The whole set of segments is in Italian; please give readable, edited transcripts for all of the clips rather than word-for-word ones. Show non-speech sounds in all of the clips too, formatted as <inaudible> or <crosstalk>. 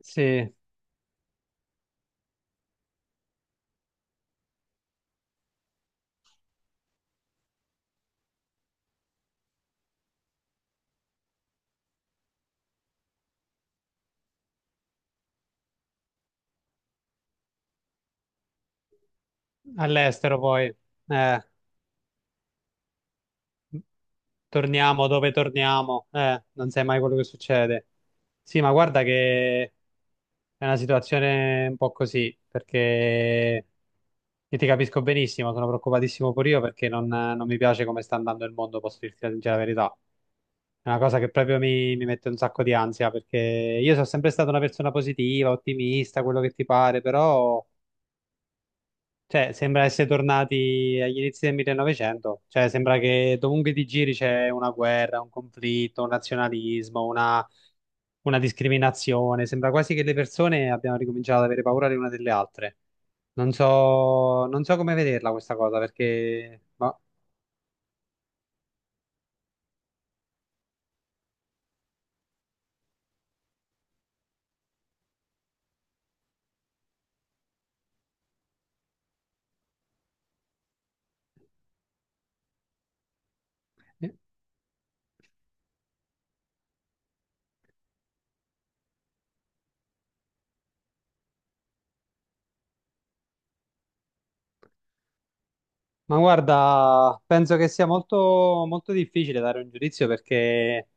Sì, all'estero poi, eh, torniamo dove torniamo, non sai mai quello che succede. Sì, ma guarda che è una situazione un po' così, perché io ti capisco benissimo, sono preoccupatissimo pure io perché non mi piace come sta andando il mondo, posso dirti la sincera verità. È una cosa che proprio mi mette un sacco di ansia, perché io sono sempre stata una persona positiva, ottimista, quello che ti pare, però. Cioè, sembra essere tornati agli inizi del 1900, cioè sembra che dovunque ti giri c'è una guerra, un conflitto, un nazionalismo, una discriminazione. Sembra quasi che le persone abbiano ricominciato ad avere paura le una delle altre. Non so, non so come vederla questa cosa perché. Ma, guarda, penso che sia molto, molto difficile dare un giudizio perché.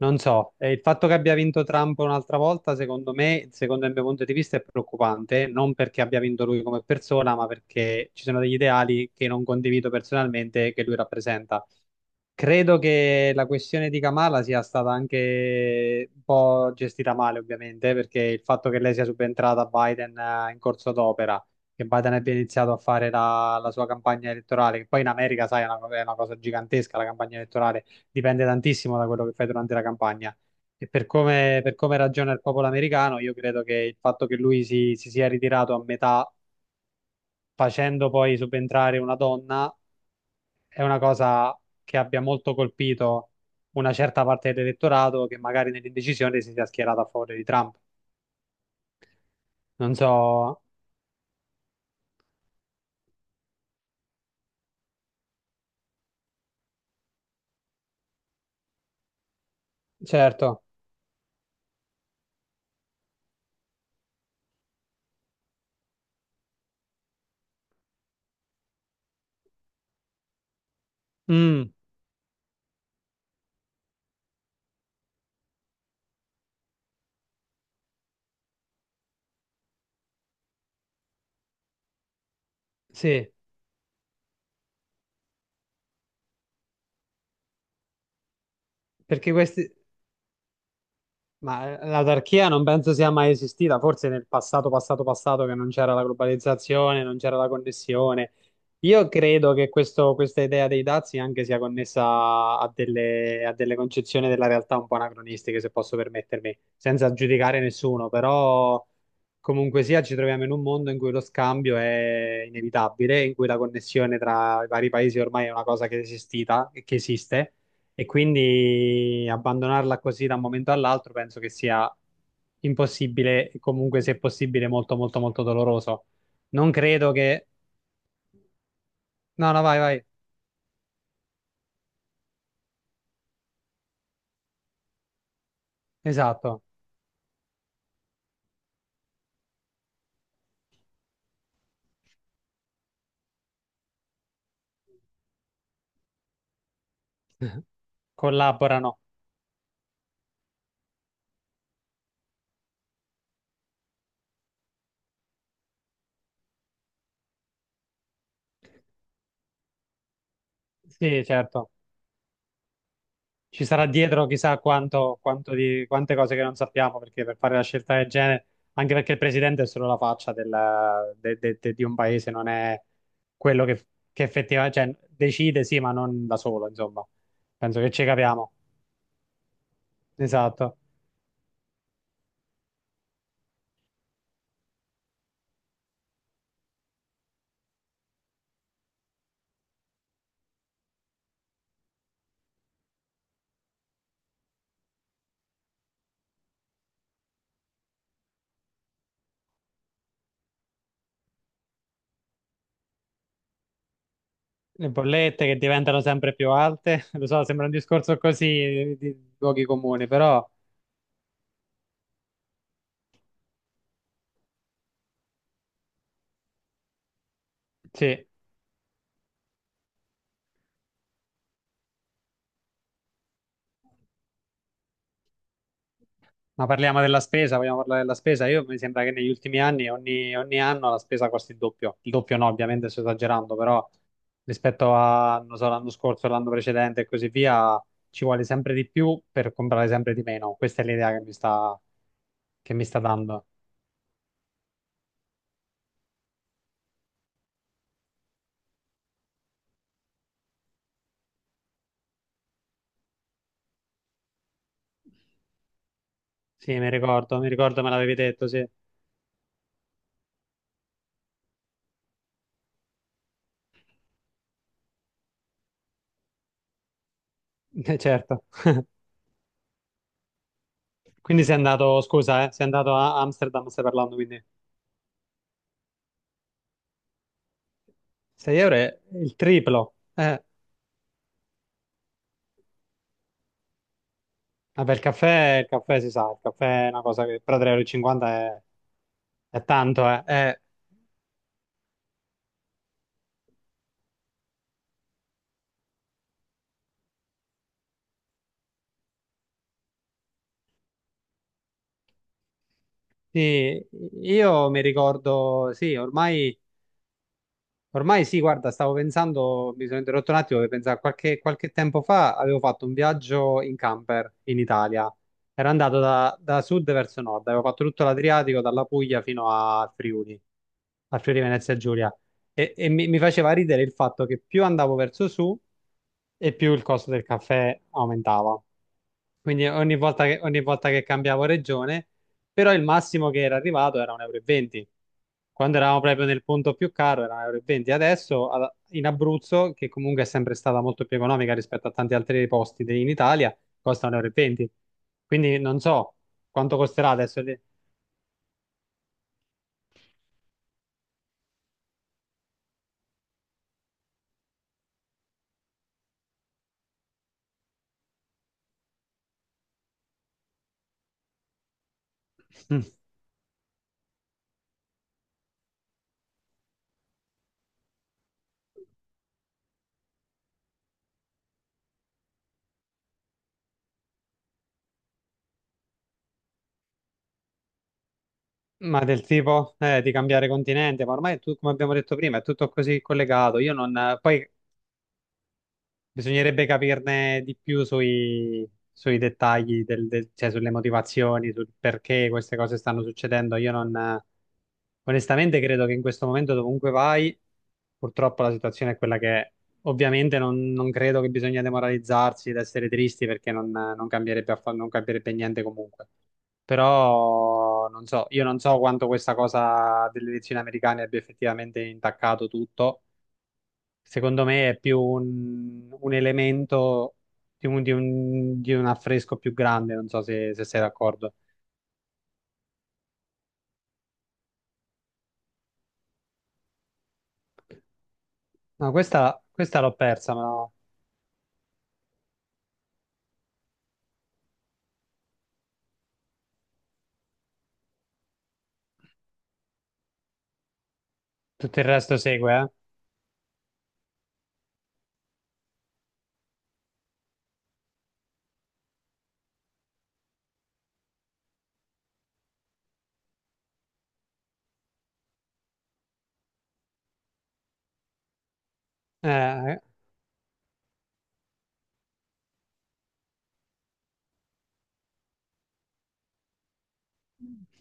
Non so, il fatto che abbia vinto Trump un'altra volta, secondo me, secondo il mio punto di vista, è preoccupante, non perché abbia vinto lui come persona, ma perché ci sono degli ideali che non condivido personalmente che lui rappresenta. Credo che la questione di Kamala sia stata anche un po' gestita male, ovviamente, perché il fatto che lei sia subentrata a Biden in corso d'opera, che Biden abbia iniziato a fare la sua campagna elettorale, che poi in America, sai, è una cosa gigantesca la campagna elettorale, dipende tantissimo da quello che fai durante la campagna. E per come ragiona il popolo americano, io credo che il fatto che lui si sia ritirato a metà, facendo poi subentrare una donna è una cosa che abbia molto colpito una certa parte dell'elettorato che magari nell'indecisione si sia schierata a favore di Trump. Non so, certo, mm, sì, perché questi. Ma, l'autarchia non penso sia mai esistita, forse nel passato, passato, passato che non c'era la globalizzazione, non c'era la connessione. Io credo che questa idea dei dazi anche sia connessa a delle concezioni della realtà un po' anacronistiche, se posso permettermi, senza giudicare nessuno, però comunque sia ci troviamo in un mondo in cui lo scambio è inevitabile, in cui la connessione tra i vari paesi ormai è una cosa che è esistita e che esiste e quindi abbandonarla così da un momento all'altro penso che sia impossibile, e comunque se possibile molto molto molto doloroso. Non credo che. No, no, vai, vai. Esatto, collaborano. Sì, certo. Ci sarà dietro chissà quante cose che non sappiamo, perché per fare la scelta del genere, anche perché il presidente è solo la faccia di un paese, non è quello che effettivamente, cioè, decide, sì, ma non da solo, insomma. Penso che ci capiamo. Esatto. Le bollette che diventano sempre più alte, <laughs> lo so, sembra un discorso così di luoghi comuni, però sì, ma parliamo della spesa, vogliamo parlare della spesa. Io mi sembra che negli ultimi anni, ogni anno la spesa costi il doppio. Il doppio no, ovviamente sto esagerando, però rispetto a, non so, l'anno scorso, l'anno precedente e così via, ci vuole sempre di più per comprare sempre di meno. Questa è l'idea che mi sta dando. Sì, mi ricordo me l'avevi detto, sì, <laughs> certo. Quindi sei andato, scusa, sei andato a Amsterdam, stai parlando, quindi 6 euro è il triplo. Vabbè, il caffè si sa, il caffè è una cosa che però 3,50 euro e cinquanta è tanto, eh. Sì, io mi ricordo, sì, ormai. Ormai sì, guarda, stavo pensando, mi sono interrotto un attimo per pensare, qualche tempo fa avevo fatto un viaggio in camper in Italia. Ero andato da sud verso nord, avevo fatto tutto l'Adriatico, dalla Puglia fino a Friuli Venezia Giulia. E mi faceva ridere il fatto che più andavo verso su e più il costo del caffè aumentava quindi ogni volta che cambiavo regione, però il massimo che era arrivato era 1,20 euro e venti. Quando eravamo proprio nel punto più caro era 1,20 euro e venti. Adesso in Abruzzo, che comunque è sempre stata molto più economica rispetto a tanti altri posti in Italia, costa 1,20 euro e venti. Quindi non so quanto costerà adesso, lì. Mm. Ma del tipo di cambiare continente, ma ormai tu, come abbiamo detto prima, è tutto così collegato. Io non, poi bisognerebbe capirne di più sui dettagli, cioè sulle motivazioni, sul perché queste cose stanno succedendo. Io non, onestamente credo che in questo momento dovunque vai, purtroppo la situazione è quella che è. Ovviamente non credo che bisogna demoralizzarsi ed essere tristi perché non cambierebbe, non cambierebbe niente comunque. Però non so, io non so quanto questa cosa delle elezioni americane abbia effettivamente intaccato tutto. Secondo me è più un elemento di un affresco più grande, non so se, sei d'accordo. No, questa l'ho persa, ma tutto il resto segue, eh. Eh,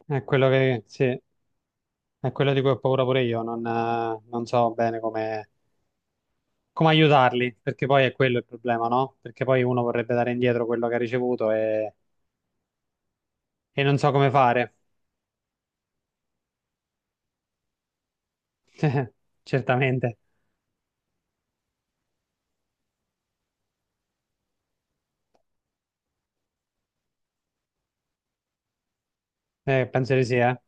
è quello che, sì, è quello di cui ho paura pure io, non so bene come aiutarli, perché poi è quello il problema, no? Perché poi uno vorrebbe dare indietro quello che ha ricevuto e non so come fare. <laughs> Certamente, penso di sì, eh.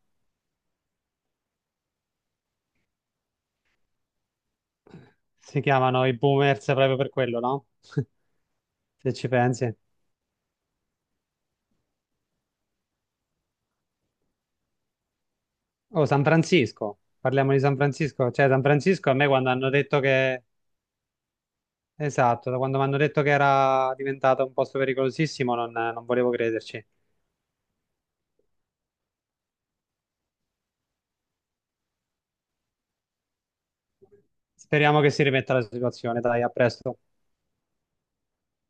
Si chiamano i boomers proprio per quello, no? <laughs> Se ci pensi. Oh, San Francisco, parliamo di San Francisco. Cioè, San Francisco a me quando hanno detto che. Esatto, da quando mi hanno detto che era diventato un posto pericolosissimo, non volevo crederci. Speriamo che si rimetta la situazione. Dai, a presto.